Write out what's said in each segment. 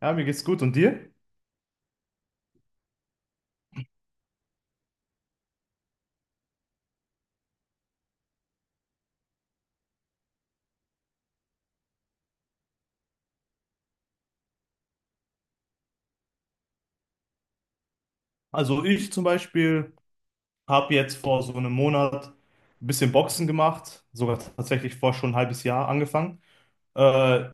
Ja, mir geht's gut. Und dir? Also ich zum Beispiel habe jetzt vor so einem Monat ein bisschen Boxen gemacht, sogar tatsächlich vor schon ein halbes Jahr angefangen. Äh,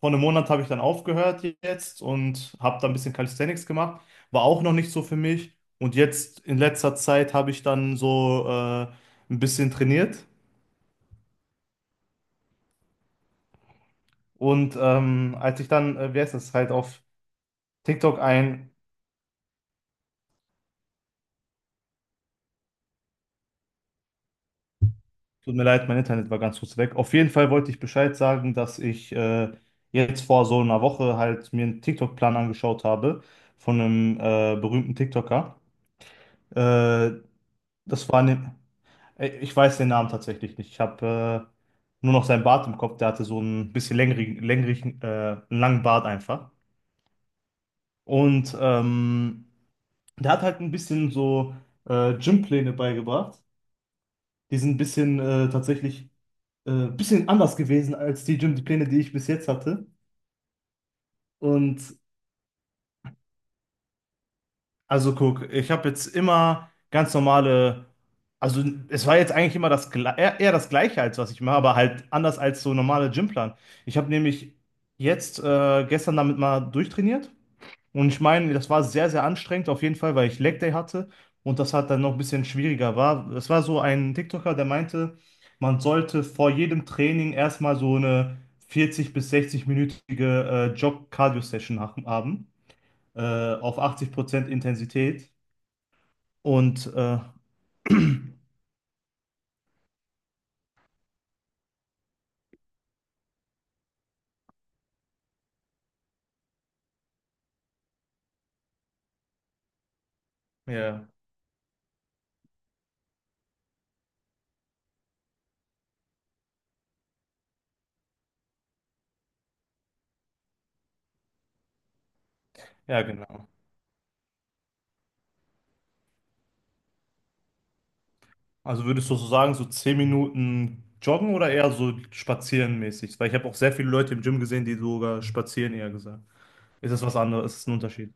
vor einem Monat habe ich dann aufgehört jetzt und habe da ein bisschen Calisthenics gemacht. War auch noch nicht so für mich. Und jetzt in letzter Zeit habe ich dann so ein bisschen trainiert. Und als ich dann, wer ist das, halt auf TikTok ein. Tut mir leid, mein Internet war ganz kurz weg. Auf jeden Fall wollte ich Bescheid sagen, dass ich jetzt vor so einer Woche halt mir einen TikTok-Plan angeschaut habe von einem berühmten TikToker. Äh, das war ne ich weiß den Namen tatsächlich nicht. Ich habe nur noch seinen Bart im Kopf. Der hatte so einen bisschen längerigen, einen langen Bart einfach. Und der hat halt ein bisschen so Gympläne beigebracht. Die sind ein bisschen tatsächlich bisschen anders gewesen als die Gym-Pläne, die Pläne, die ich bis jetzt hatte. Und also guck, ich habe jetzt immer ganz normale, also es war jetzt eigentlich immer eher das Gleiche als was ich mache, aber halt anders als so normale Gymplan. Ich habe nämlich jetzt gestern damit mal durchtrainiert. Und ich meine, das war sehr, sehr anstrengend auf jeden Fall, weil ich Leg Day hatte und das hat dann noch ein bisschen schwieriger war. Es war so ein TikToker, der meinte, man sollte vor jedem Training erstmal so eine 40 bis 60-minütige Jog-Cardio-Session haben, äh, auf 80% Intensität. Und ja, ja, genau. Also würdest du so sagen, so 10 Minuten joggen oder eher so spazieren mäßig? Weil ich habe auch sehr viele Leute im Gym gesehen, die sogar spazieren eher gesagt. Ist das was anderes? Ist das ein Unterschied?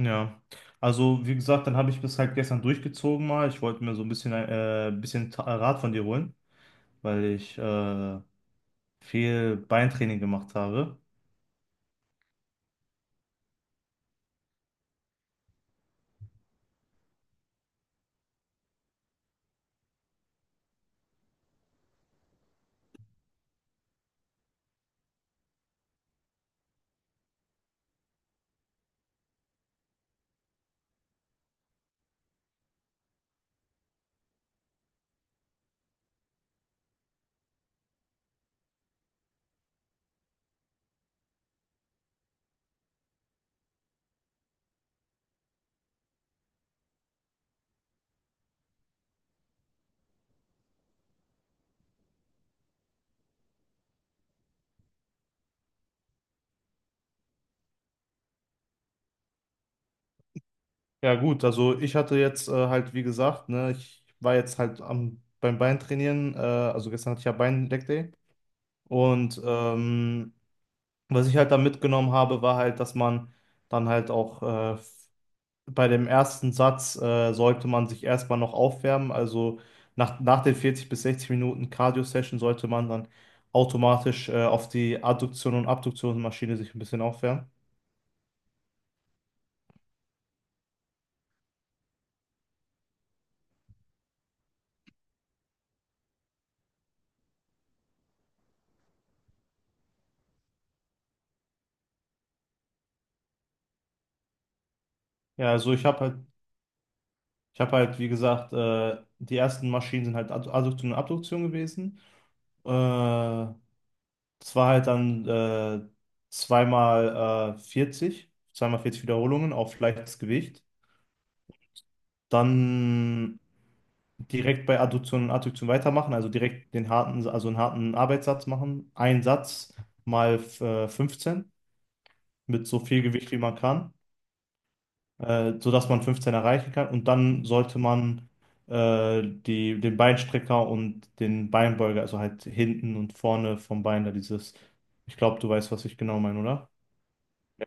Ja, also wie gesagt, dann habe ich bis halt gestern durchgezogen mal. Ich wollte mir so ein bisschen Rat von dir holen, weil ich viel Beintraining gemacht habe. Ja gut, also ich hatte jetzt halt, wie gesagt, ne, ich war jetzt halt beim Beintrainieren, also gestern hatte ich ja Bein-Leg Day. Und was ich halt da mitgenommen habe, war halt, dass man dann halt auch bei dem ersten Satz sollte man sich erstmal noch aufwärmen. Also nach den 40 bis 60 Minuten Cardio-Session sollte man dann automatisch auf die Adduktion und Abduktionsmaschine sich ein bisschen aufwärmen. Ja, also ich habe halt, wie gesagt, die ersten Maschinen sind halt Adduktion und Abduktion gewesen. Äh, das war halt dann zweimal 40, zweimal 40 Wiederholungen auf leichtes Gewicht. Dann direkt bei Adduktion und Adduktion weitermachen, also direkt den harten, also einen harten Arbeitssatz machen. Ein Satz mal 15 mit so viel Gewicht wie man kann, sodass man 15 erreichen kann. Und dann sollte man die, den Beinstrecker und den Beinbeuger, also halt hinten und vorne vom Bein, da dieses, ich glaube, du weißt, was ich genau meine, oder?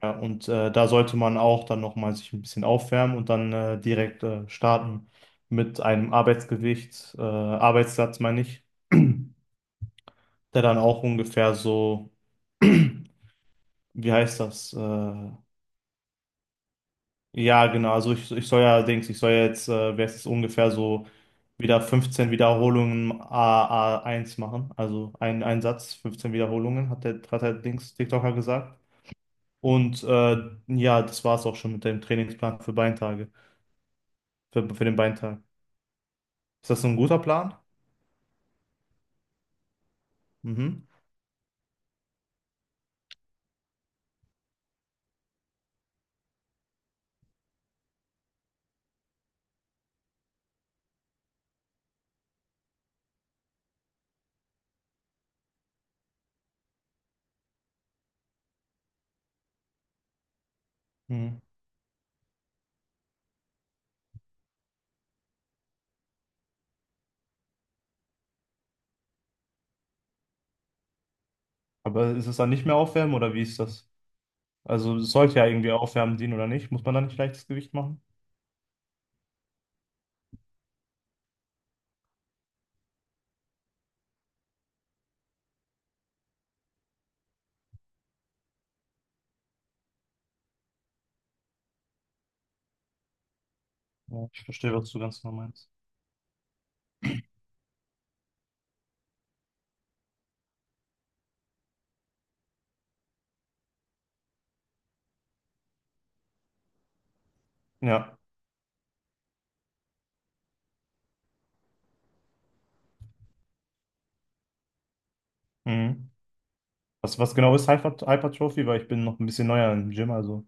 Ja, und da sollte man auch dann nochmal sich ein bisschen aufwärmen und dann direkt starten mit einem Arbeitsgewicht, Arbeitssatz meine ich, der dann auch ungefähr so, wie heißt das? Ja, genau, also ich soll ja, Dings, ich soll ja jetzt, wer ist es ungefähr so, wieder 15 Wiederholungen A1 A A1 machen. Also ein Satz, 15 Wiederholungen, hat der Dings TikToker gesagt. Und ja, das war es auch schon mit dem Trainingsplan für Beintage, für den Beintag. Ist das so ein guter Plan? Mhm. Mhm. Aber ist es dann nicht mehr aufwärmen oder wie ist das? Also es sollte ja irgendwie aufwärmen dienen oder nicht? Muss man dann nicht leichtes Gewicht machen? Ja, ich verstehe, was du ganz genau meinst. Ja. Mhm. Was genau ist Hypertrophie? Weil ich bin noch ein bisschen neuer im Gym, also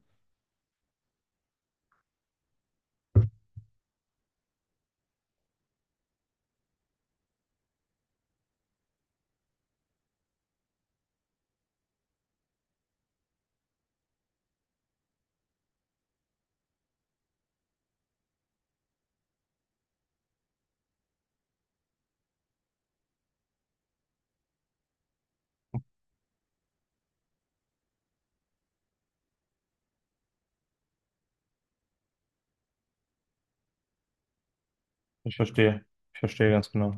ich verstehe. Ich verstehe ganz genau.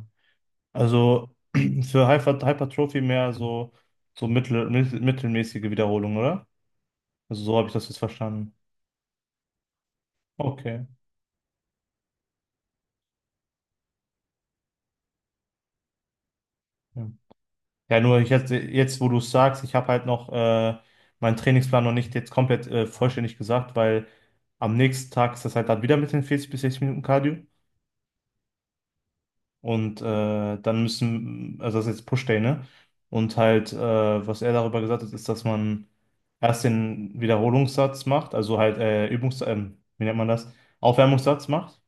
Also für Hypertrophie mehr so, mittelmäßige Wiederholung, oder? Also so habe ich das jetzt verstanden. Okay. Ja, ja nur ich jetzt, wo du es sagst, ich habe halt noch meinen Trainingsplan noch nicht jetzt komplett vollständig gesagt, weil am nächsten Tag ist das halt dann wieder mit den 40 bis 60 Minuten Cardio. Und dann müssen, also das ist jetzt Push-Day, ne? Und halt, was er darüber gesagt hat, ist, dass man erst den Wiederholungssatz macht, also halt wie nennt man das? Aufwärmungssatz macht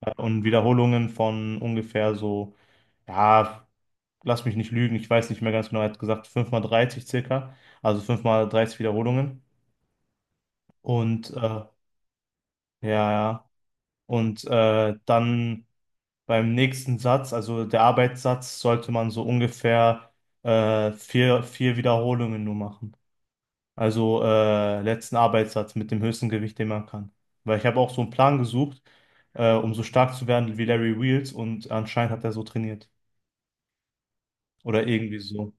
und Wiederholungen von ungefähr so, ja, lass mich nicht lügen, ich weiß nicht mehr ganz genau, er hat gesagt 5x30 circa, also 5x30 Wiederholungen. Und ja, ja. Und dann, beim nächsten Satz, also der Arbeitssatz, sollte man so ungefähr vier Wiederholungen nur machen. Also letzten Arbeitssatz mit dem höchsten Gewicht, den man kann. Weil ich habe auch so einen Plan gesucht, um so stark zu werden wie Larry Wheels und anscheinend hat er so trainiert. Oder irgendwie so.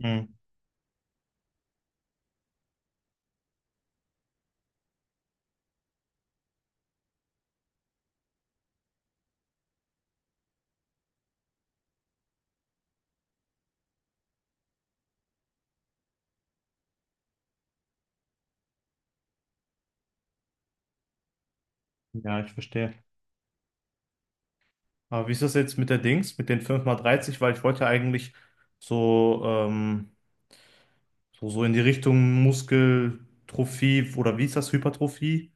Hm. Ja, ich verstehe. Aber wie ist das jetzt mit der Dings, mit den 5x30? Weil ich wollte ja eigentlich so, ähm, so in die Richtung Muskeltrophie oder wie ist das, Hypertrophie?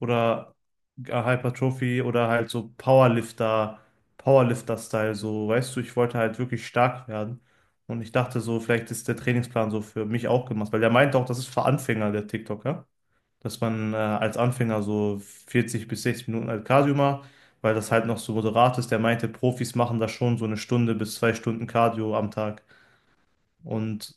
Oder Hypertrophie oder halt so Powerlifter, Powerlifter-Style, so, weißt du, ich wollte halt wirklich stark werden. Und ich dachte so, vielleicht ist der Trainingsplan so für mich auch gemacht, weil der meinte auch, das ist für Anfänger, der TikToker, dass man als Anfänger so 40 bis 60 Minuten halt Cardio macht, weil das halt noch so moderat ist. Der meinte, Profis machen da schon so eine Stunde bis 2 Stunden Cardio am Tag. Und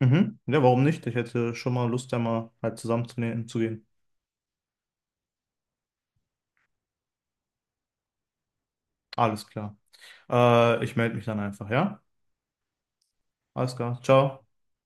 mhm, ja, warum nicht? Ich hätte schon mal Lust, da mal halt zusammen zu gehen. Alles klar. Ich melde mich dann einfach, ja? Alles klar. Ciao.